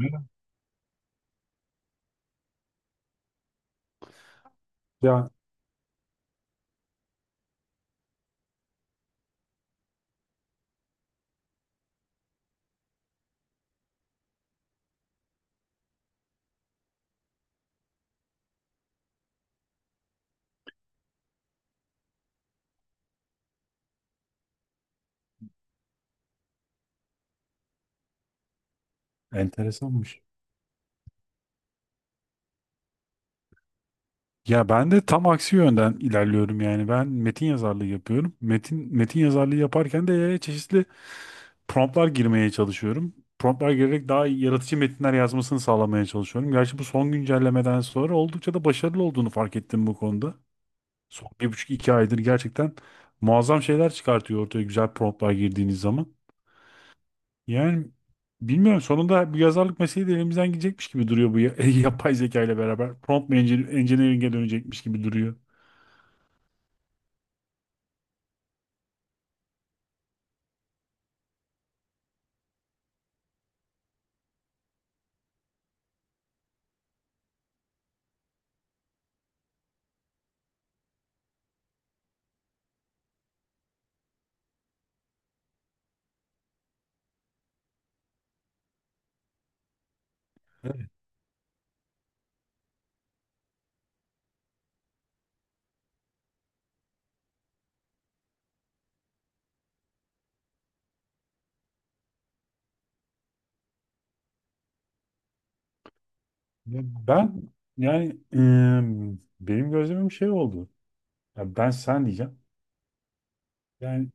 Evet. Ya Enteresanmış. Ya ben de tam aksi yönden ilerliyorum yani. Ben metin yazarlığı yapıyorum. Metin yazarlığı yaparken de çeşitli promptlar girmeye çalışıyorum. Promptlar girerek daha yaratıcı metinler yazmasını sağlamaya çalışıyorum. Gerçi bu son güncellemeden sonra oldukça da başarılı olduğunu fark ettim bu konuda. Son bir buçuk iki aydır gerçekten muazzam şeyler çıkartıyor ortaya güzel promptlar girdiğiniz zaman. Yani bilmiyorum sonunda bu yazarlık mesleği de elimizden gidecekmiş gibi duruyor bu ya- yapay zeka ile beraber. Prompt mu engineer- engineering'e dönecekmiş gibi duruyor. Evet. Ben yani benim gözlemim şey oldu. Ya ben sen diyeceğim. Yani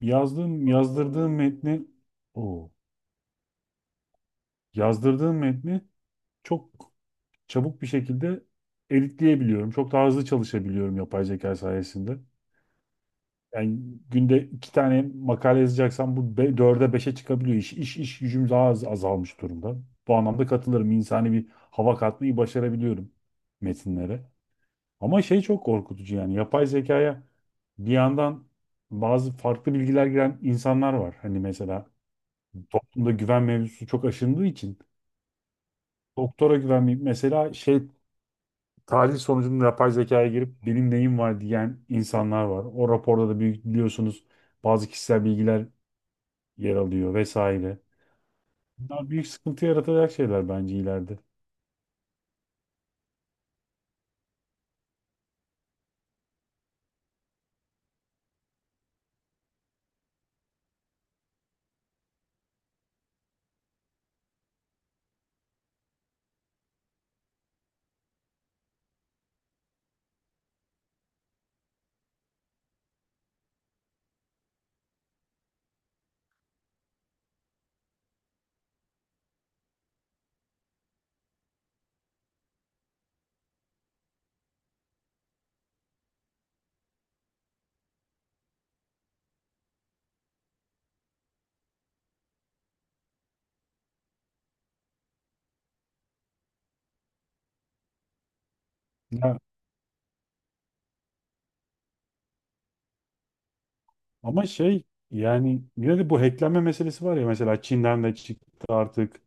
yazdırdığım metni o yazdırdığım metni çok çabuk bir şekilde editleyebiliyorum. Çok daha hızlı çalışabiliyorum yapay zeka sayesinde. Yani günde iki tane makale yazacaksan bu dörde beşe çıkabiliyor iş. İş gücüm daha az azalmış durumda. Bu anlamda katılırım. İnsani bir hava katmayı başarabiliyorum metinlere. Ama şey çok korkutucu yani. Yapay zekaya bir yandan bazı farklı bilgiler giren insanlar var. Hani mesela toplumda güven mevzusu çok aşındığı için doktora güvenmeyip mesela şey tahlil sonucunda yapay zekaya girip benim neyim var diyen insanlar var. O raporda da büyük biliyorsunuz bazı kişisel bilgiler yer alıyor vesaire. Bunlar büyük sıkıntı yaratacak şeyler bence ileride. Ya, ama şey yani yine de bu hacklenme meselesi var ya, mesela Çin'den de çıktı artık.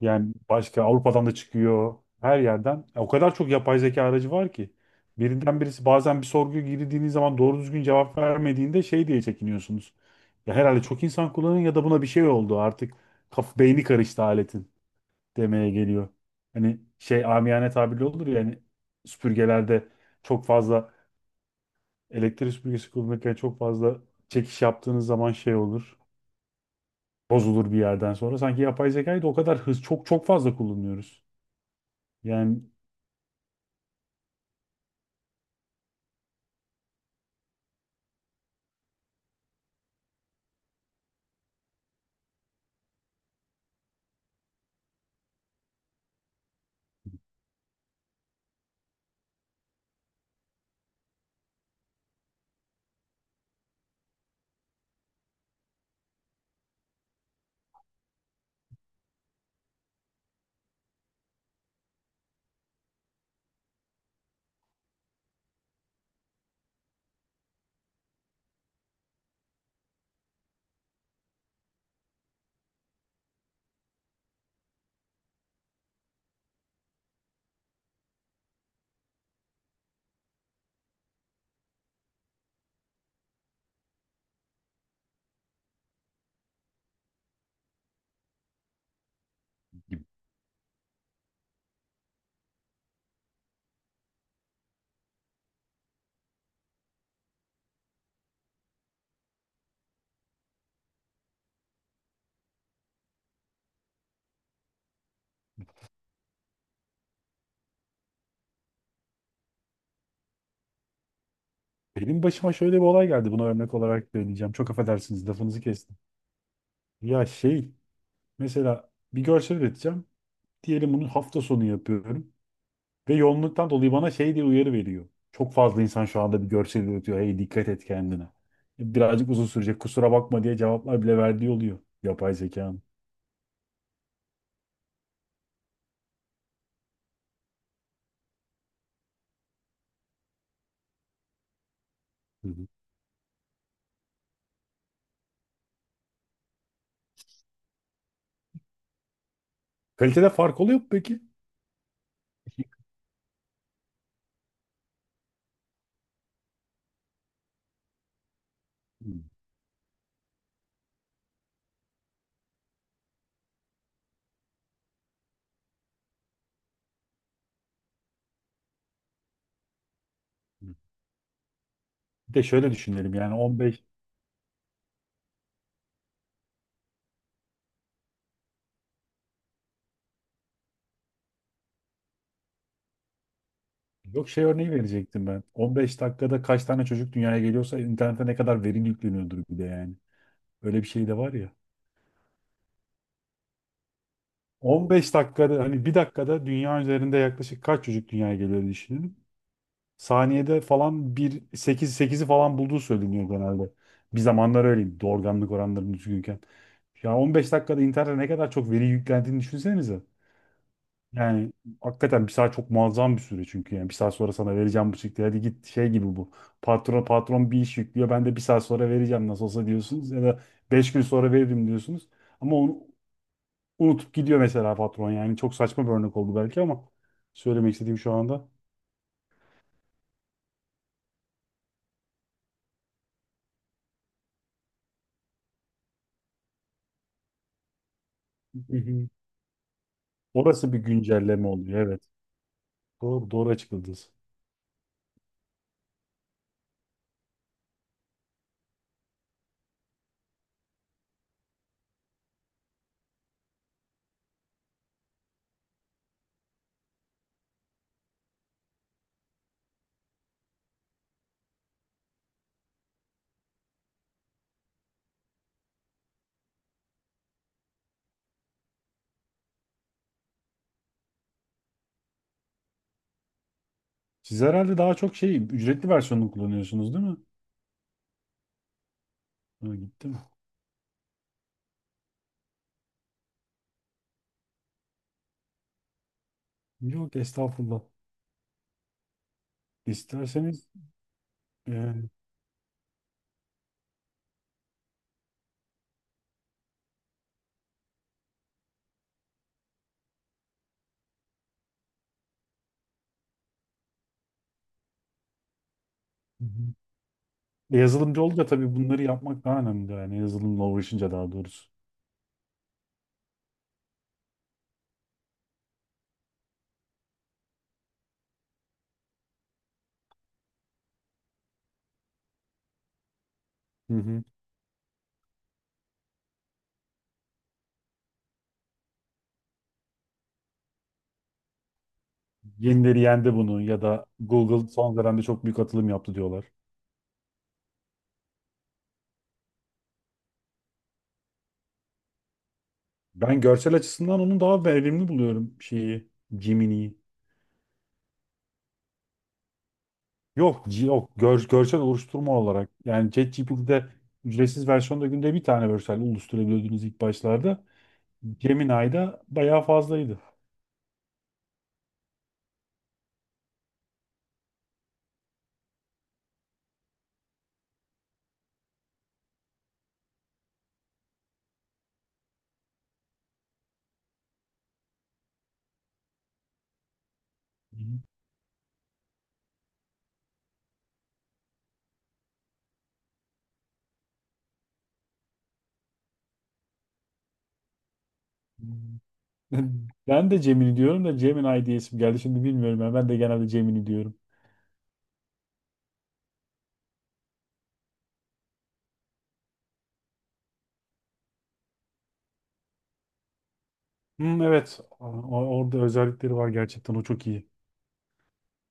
Yani başka Avrupa'dan da çıkıyor. Her yerden. O kadar çok yapay zeka aracı var ki. Birinden birisi bazen bir sorguya girdiğiniz zaman doğru düzgün cevap vermediğinde şey diye çekiniyorsunuz. Ya herhalde çok insan kullanıyor ya da buna bir şey oldu artık. Kaf beyni karıştı aletin demeye geliyor. Hani şey amiyane tabirle olur ya hani süpürgelerde çok fazla elektrik süpürgesi kullanırken çok fazla çekiş yaptığınız zaman şey olur. Bozulur bir yerden sonra. Sanki yapay zekayı da o kadar çok fazla kullanıyoruz. Yani benim başıma şöyle bir olay geldi. Buna örnek olarak söyleyeceğim. Çok affedersiniz lafınızı kestim. Ya şey mesela bir görsel üreteceğim. Diyelim bunu hafta sonu yapıyorum. Ve yoğunluktan dolayı bana şey diye uyarı veriyor. Çok fazla insan şu anda bir görsel üretiyor. Hey dikkat et kendine. Birazcık uzun sürecek. Kusura bakma diye cevaplar bile verdiği oluyor. Yapay zekanın. Hı hı. Kalitede fark oluyor mu peki? Hı hı. Bir de şöyle düşünelim yani 15 yok, şey örneği verecektim ben. 15 dakikada kaç tane çocuk dünyaya geliyorsa internete ne kadar veri yükleniyordur bir de yani. Öyle bir şey de var ya. 15 dakikada hani bir dakikada dünya üzerinde yaklaşık kaç çocuk dünyaya geliyor diye düşünelim. Saniyede falan bir 8 sekizi falan bulduğu söyleniyor genelde. Bir zamanlar öyleydi doğurganlık oranları düzgünken. Ya 15 dakikada internete ne kadar çok veri yüklendiğini düşünsenize. Yani hakikaten bir saat çok muazzam bir süre çünkü yani bir saat sonra sana vereceğim bu çıktı hadi git şey gibi bu. Patron bir iş yüklüyor, ben de bir saat sonra vereceğim nasıl olsa diyorsunuz ya da 5 gün sonra veririm diyorsunuz. Ama onu unutup gidiyor mesela patron, yani çok saçma bir örnek oldu belki ama söylemek istediğim şu anda. Hı hı. Orası bir güncelleme oluyor, evet. Doğru, doğru açıkladınız. Siz herhalde daha çok şey, ücretli versiyonunu kullanıyorsunuz değil mi? Ha, gitti mi? Yok estağfurullah. İsterseniz e, hı hı. Yazılımcı olunca tabii bunları yapmak daha önemli yani, yazılımla uğraşınca daha doğrusu. Hı hı. Yenileri yendi bunu ya da Google son dönemde çok büyük atılım yaptı diyorlar. Ben görsel açısından onu daha verimli buluyorum, şeyi, Gemini'yi. Yok G- yok gör- görsel oluşturma olarak yani, ChatGPT'de ücretsiz versiyonda günde bir tane görsel oluşturabiliyordunuz ilk başlarda. Gemini'de bayağı fazlaydı. Hı hı. Ben de Gemini diyorum da Gemini diye isim geldi. Şimdi bilmiyorum ya. Ben de genelde Gemini diyorum. Hmm, evet. O- orada özellikleri var gerçekten. O çok iyi.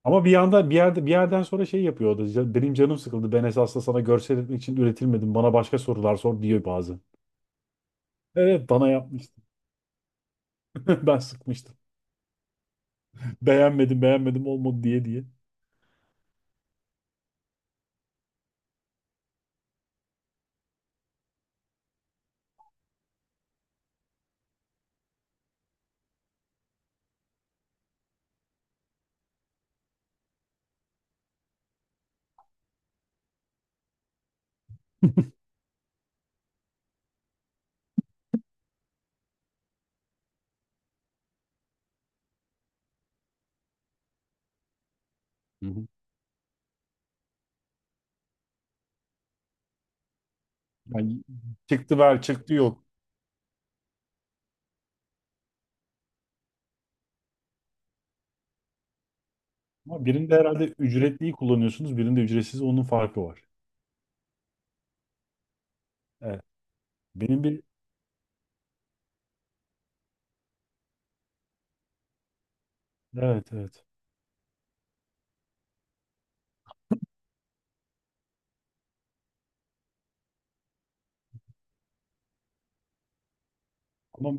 Ama bir yanda bir yerde bir yerden sonra şey yapıyor o da. "Ya benim canım sıkıldı. Ben esasında sana görsel etmek için üretilmedim. Bana başka sorular sor" diyor bazı. Evet bana yapmıştım. Ben sıkmıştım. Beğenmedim, olmadı diye. Hı hı. Yani çıktı ver, çıktı yok. Ama birinde herhalde ücretliyi kullanıyorsunuz, birinde ücretsiz, onun farkı var. Evet. Benim bir evet evet. Ama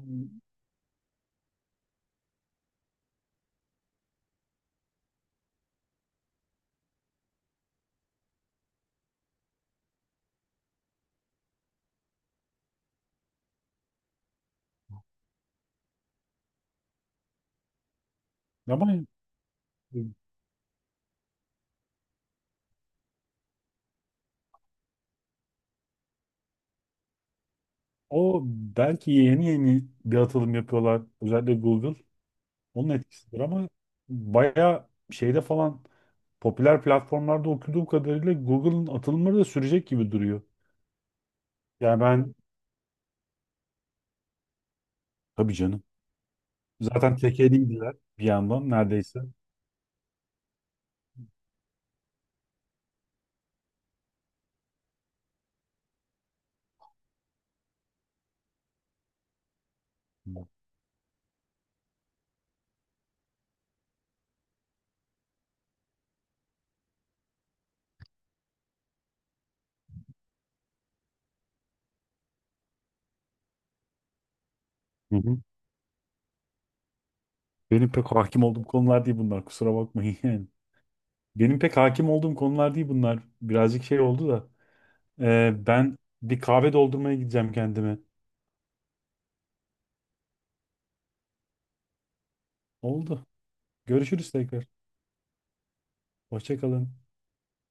ama e, o belki yeni yeni bir atılım yapıyorlar. Özellikle Google. Onun etkisidir ama bayağı şeyde falan popüler platformlarda okuduğum kadarıyla Google'ın atılımları da sürecek gibi duruyor. Yani ben, tabii canım. Zaten tekeliydiler bir yandan neredeyse. Hı hı. Benim pek hakim olduğum konular değil bunlar. Kusura bakmayın yani. Benim pek hakim olduğum konular değil bunlar. Birazcık şey oldu da. Ben bir kahve doldurmaya gideceğim kendime. Oldu. Görüşürüz tekrar. Hoşça kalın.